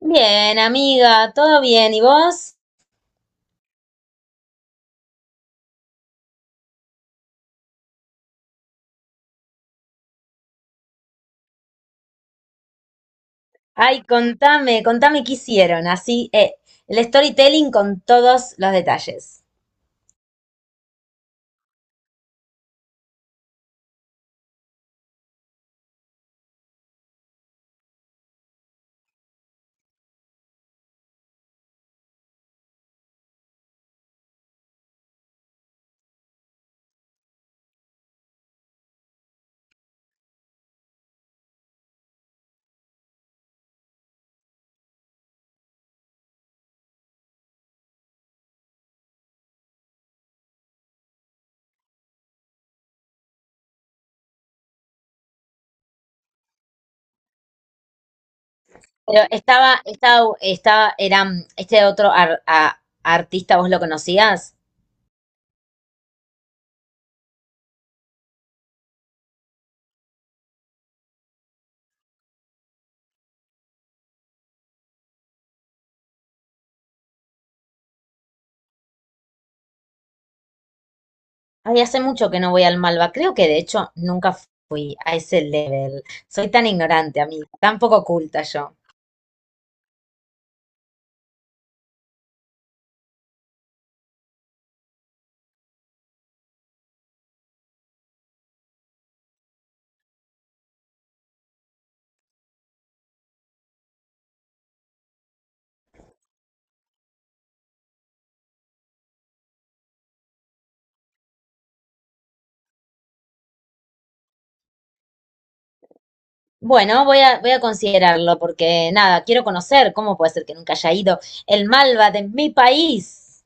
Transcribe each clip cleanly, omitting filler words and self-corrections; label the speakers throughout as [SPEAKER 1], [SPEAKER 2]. [SPEAKER 1] Bien, amiga, todo bien. ¿Y vos? Ay, contame qué hicieron. Así, el storytelling con todos los detalles. Pero estaba, era este otro artista, ¿vos lo conocías? Ay, hace mucho que no voy al Malva. Creo que de hecho nunca fui a ese level. Soy tan ignorante, amiga, tan poco oculta yo. Bueno, voy a considerarlo porque nada, quiero conocer cómo puede ser que nunca haya ido el Malva de mi país.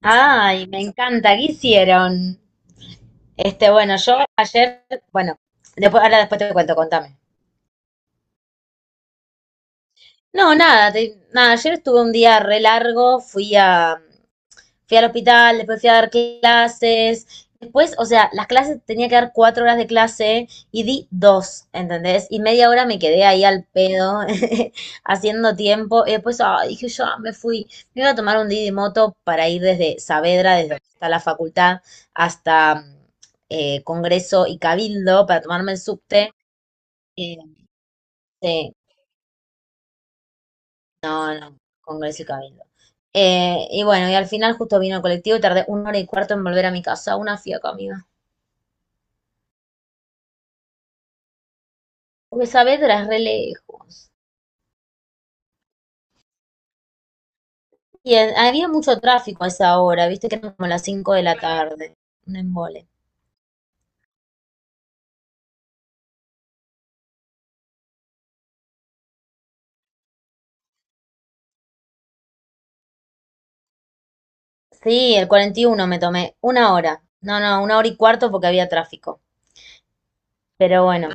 [SPEAKER 1] Ay, me encanta, ¿qué hicieron? Este, bueno, yo ayer, bueno, después, ahora después te cuento, contame. No, nada, ayer estuve un día re largo, fui al hospital, después fui a dar clases. Después, o sea, las clases tenía que dar 4 horas de clase y di dos, ¿entendés? Y media hora me quedé ahí al pedo haciendo tiempo. Y después dije, yo me fui, me iba a tomar un Didi Moto para ir desde Saavedra, desde donde está la facultad, hasta Congreso y Cabildo para tomarme el subte. Eh, sí, no, no, Congreso y Cabildo. Y bueno, y al final justo vino el colectivo y tardé una hora y cuarto en volver a mi casa, una fiaca, amiga. Porque Saavedra es re lejos. Y había mucho tráfico a esa hora, viste que eran como las 5 de la tarde. Un embole. Sí, el 41 me tomé. Una hora. No, no, una hora y cuarto porque había tráfico. Pero bueno.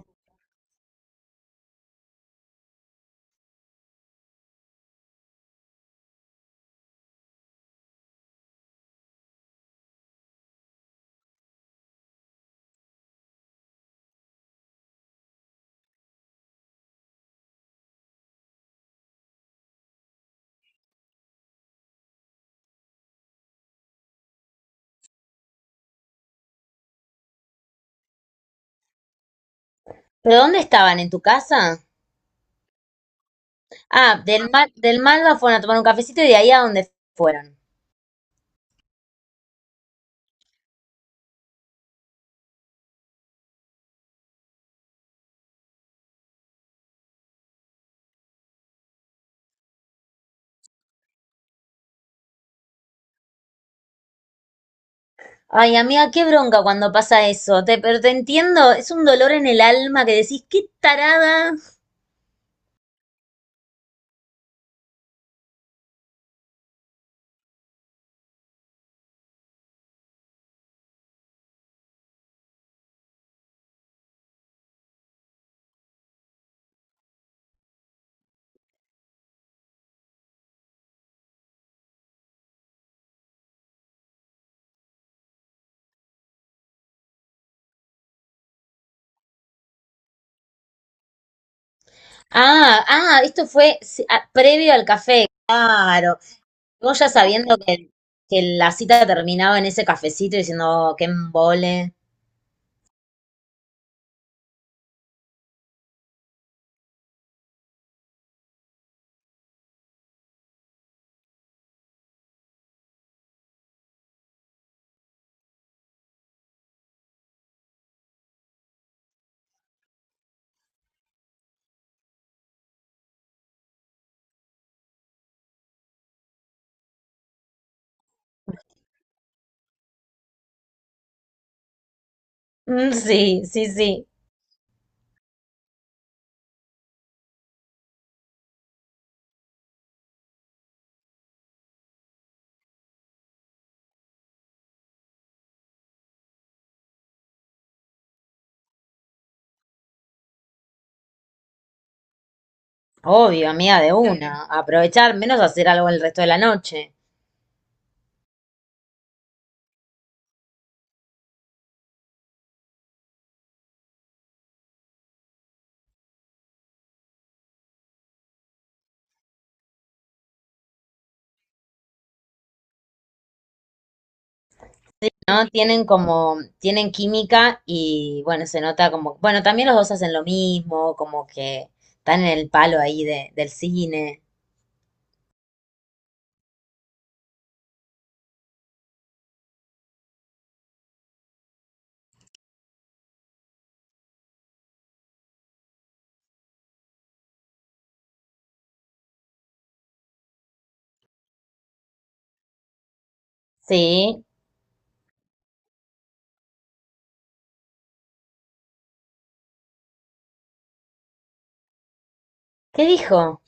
[SPEAKER 1] ¿Pero dónde estaban? ¿En tu casa? Ah, del Malva fueron a tomar un cafecito y de ahí a donde fueron. Ay, amiga, qué bronca cuando pasa eso. Pero te entiendo, es un dolor en el alma que decís, qué tarada. Esto fue sí, previo al café. Claro. Luego ya sabiendo que, la cita terminaba en ese cafecito diciendo, que embole. Mm, sí, sí, sí. Obvio, amiga de una. Aprovechar, menos hacer algo el resto de la noche. ¿No? Tienen como, tienen química y bueno, se nota como, bueno, también los dos hacen lo mismo, como que están en el palo ahí del cine. Sí. ¿Qué dijo?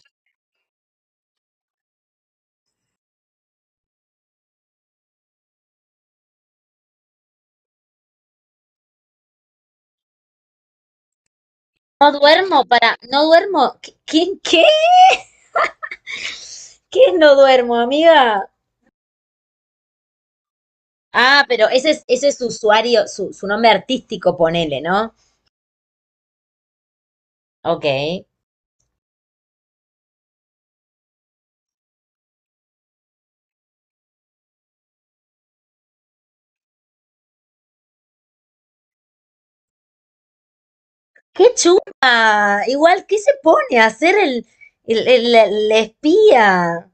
[SPEAKER 1] No duermo. ¿Qué? ¿Qué? ¿Qué es no duermo, amiga? Ah, pero ese es su usuario, su nombre artístico, ponele, ¿no? Ok. ¡Qué chuma! Igual, ¿qué se pone a hacer el espía?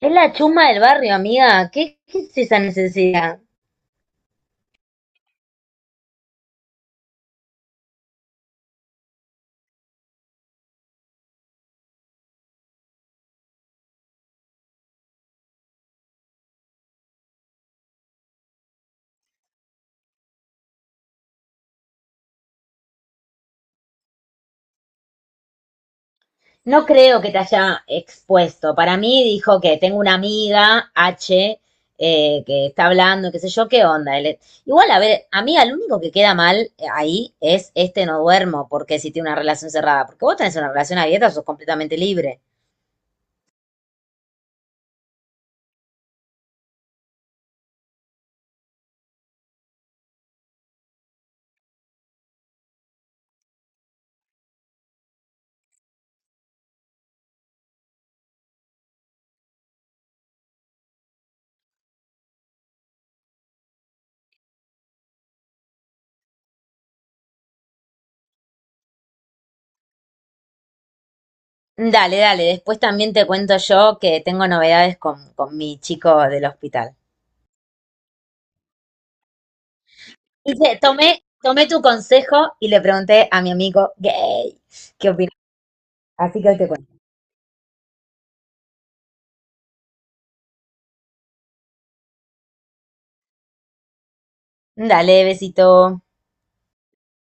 [SPEAKER 1] Es la chuma del barrio, amiga. ¿Qué es esa necesidad? No creo que te haya expuesto. Para mí dijo que tengo una amiga, H, que está hablando, qué sé yo, qué onda. Igual, a ver, amiga, lo único que queda mal ahí es este no duermo, porque si tiene una relación cerrada, porque vos tenés una relación abierta, sos completamente libre. Dale, dale, después también te cuento yo que tengo novedades con mi chico del hospital. Tomé tu consejo y le pregunté a mi amigo gay qué opina. Así que hoy te cuento. Dale, besito.